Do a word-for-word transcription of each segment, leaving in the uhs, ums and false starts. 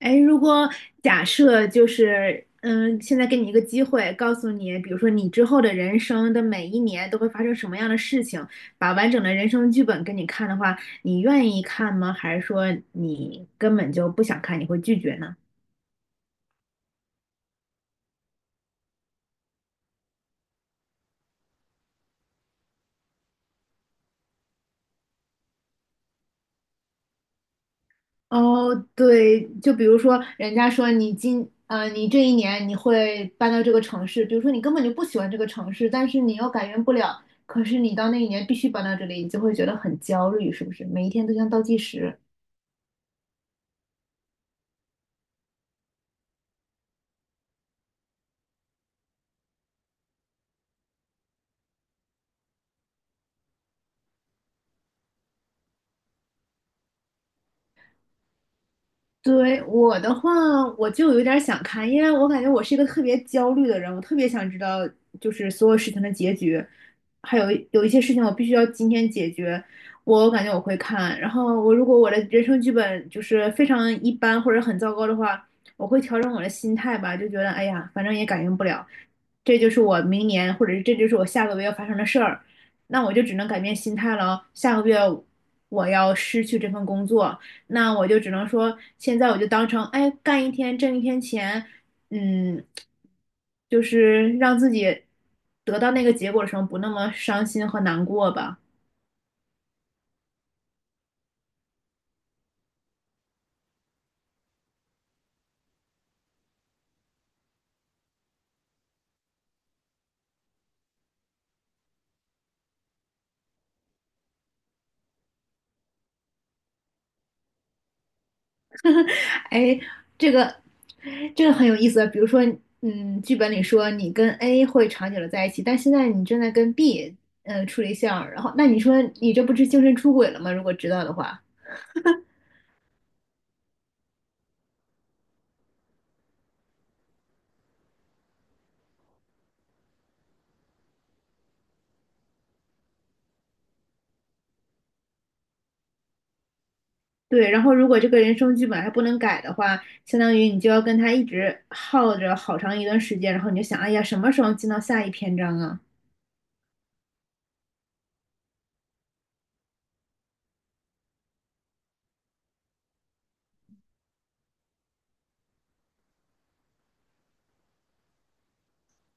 哎，如果假设就是，嗯，现在给你一个机会，告诉你，比如说你之后的人生的每一年都会发生什么样的事情，把完整的人生剧本给你看的话，你愿意看吗？还是说你根本就不想看，你会拒绝呢？哦，对，就比如说人家说你今，呃，你这一年你会搬到这个城市，比如说你根本就不喜欢这个城市，但是你又改变不了，可是你到那一年必须搬到这里，你就会觉得很焦虑，是不是？每一天都像倒计时。对，我的话，我就有点儿想看，因为我感觉我是一个特别焦虑的人，我特别想知道就是所有事情的结局，还有有一些事情我必须要今天解决，我感觉我会看。然后我如果我的人生剧本就是非常一般或者很糟糕的话，我会调整我的心态吧，就觉得哎呀，反正也改变不了，这就是我明年或者是这就是我下个月要发生的事儿，那我就只能改变心态了，下个月我要失去这份工作。那我就只能说，现在我就当成，哎，干一天挣一天钱，嗯，就是让自己得到那个结果的时候不那么伤心和难过吧。哎，这个这个很有意思。比如说，嗯，剧本里说你跟 A 会长久的在一起，但现在你正在跟 B 呃处对象，然后那你说你这不是精神出轨了吗？如果知道的话。对，然后如果这个人生剧本还不能改的话，相当于你就要跟他一直耗着好长一段时间，然后你就想，哎呀，什么时候进到下一篇章啊？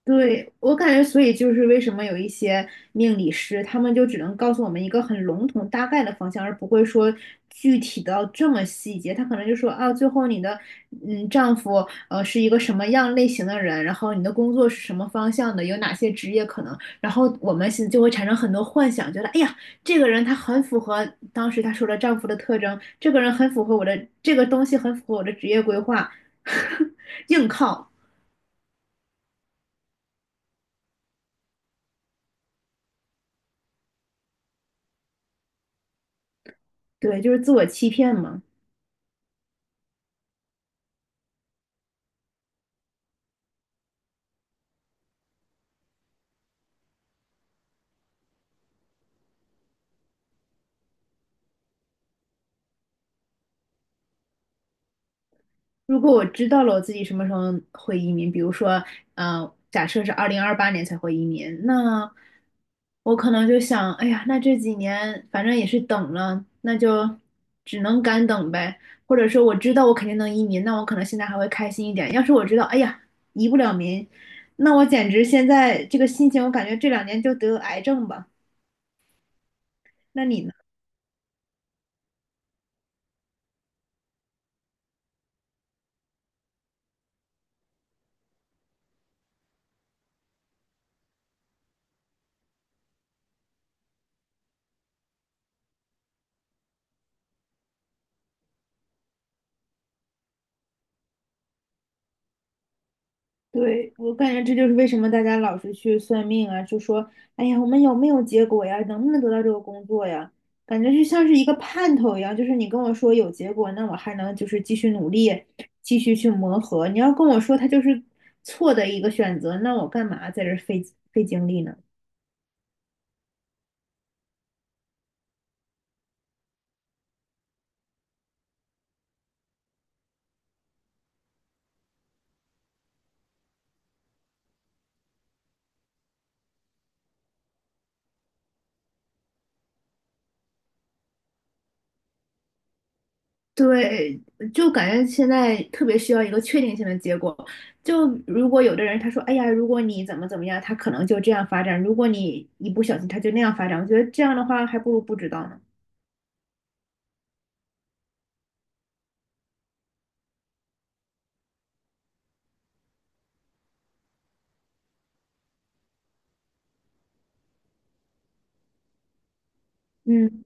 对，我感觉，所以就是为什么有一些命理师，他们就只能告诉我们一个很笼统、大概的方向，而不会说具体到这么细节。他可能就说啊，最后你的嗯丈夫呃是一个什么样类型的人，然后你的工作是什么方向的，有哪些职业可能，然后我们现就会产生很多幻想，觉得哎呀，这个人他很符合当时他说的丈夫的特征，这个人很符合我的，这个东西很符合我的职业规划，硬靠，对，就是自我欺骗嘛。如果我知道了我自己什么时候会移民，比如说，呃，假设是二零二八年才会移民，那我可能就想，哎呀，那这几年反正也是等了，那就只能干等呗。或者说我知道我肯定能移民，那我可能现在还会开心一点。要是我知道，哎呀，移不了民，那我简直现在这个心情，我感觉这两年就得癌症吧。那你呢？对，我感觉这就是为什么大家老是去算命啊，就说，哎呀，我们有没有结果呀？能不能得到这个工作呀？感觉就像是一个盼头一样，就是你跟我说有结果，那我还能就是继续努力，继续去磨合。你要跟我说它就是错的一个选择，那我干嘛在这儿费费精力呢？对，就感觉现在特别需要一个确定性的结果。就如果有的人他说，哎呀，如果你怎么怎么样，他可能就这样发展；如果你一不小心，他就那样发展。我觉得这样的话，还不如不知道呢。嗯，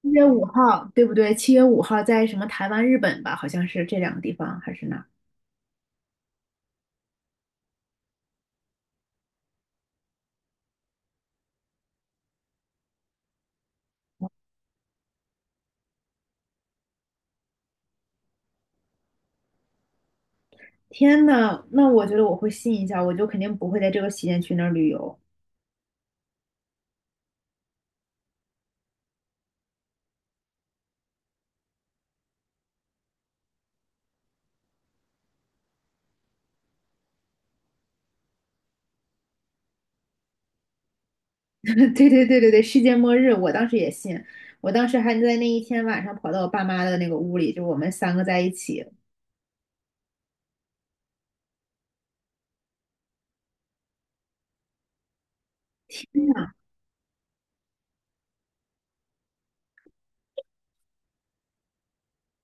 七月五号，对不对？七月五号在什么台湾、日本吧？好像是这两个地方，还是哪儿。天呐，那我觉得我会信一下，我就肯定不会在这个期间去那儿旅游。对对对对对，世界末日，我当时也信。我当时还在那一天晚上跑到我爸妈的那个屋里，就我们三个在一起，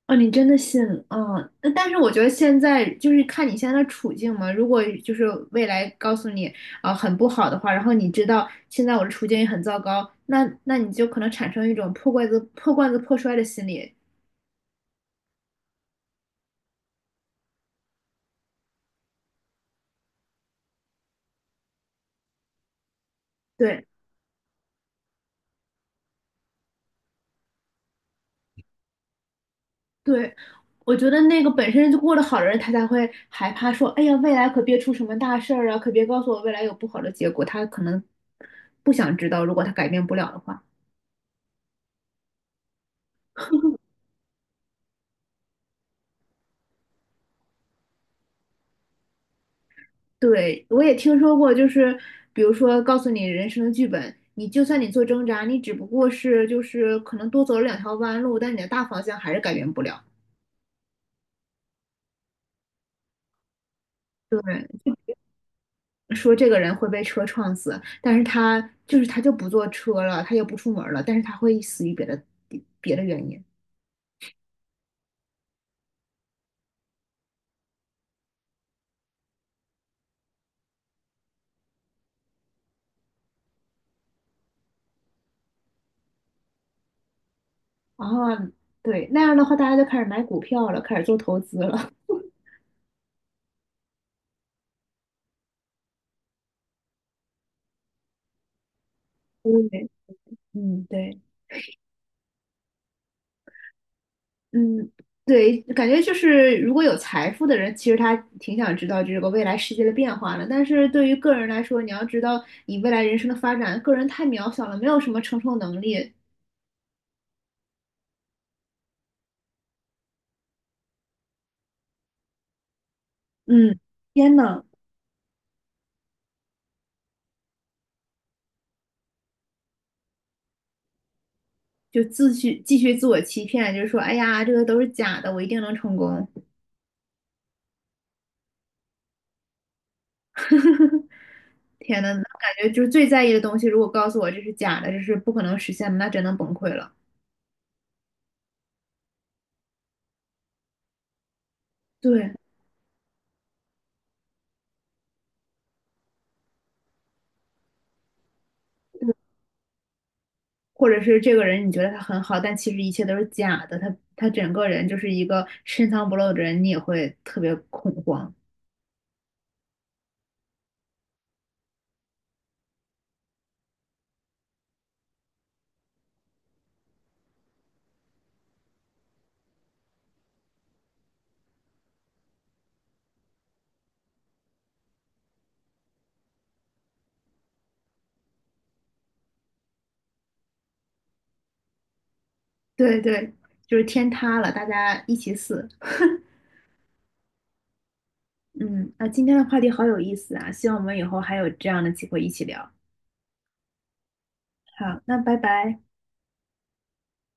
哦，你真的信哦，但但是我觉得现在就是看你现在的处境嘛。如果就是未来告诉你啊、呃很不好的话，然后你知道现在我的处境也很糟糕，那那你就可能产生一种破罐子破罐子破摔的心理。对对，我觉得那个本身就过得好的人，他才会害怕说，哎呀，未来可别出什么大事儿啊，可别告诉我未来有不好的结果。他可能不想知道，如果他改变不了的话。对，我也听说过，就是比如说告诉你人生的剧本，你就算你做挣扎，你只不过是就是可能多走了两条弯路，但你的大方向还是改变不了。对，说这个人会被车撞死，但是他就是他就不坐车了，他也不出门了，但是他会死于别的别的原因。啊，对，那样的话大家就开始买股票了，开始做投资了。对，嗯，对。嗯，对，感觉就是如果有财富的人，其实他挺想知道这个未来世界的变化的。但是对于个人来说，你要知道你未来人生的发展，个人太渺小了，没有什么承受能力。嗯，天呐，就自续继续自我欺骗，就是说，哎呀，这个都是假的，我一定能成功。天呐，那感觉就是最在意的东西，如果告诉我这是假的，这是不可能实现的，那真的崩溃了。对，嗯或者是这个人你觉得他很好，但其实一切都是假的，他他整个人就是一个深藏不露的人，你也会特别恐慌。对对，就是天塌了，大家一起死。嗯，那今天的话题好有意思啊，希望我们以后还有这样的机会一起聊。好，那拜拜。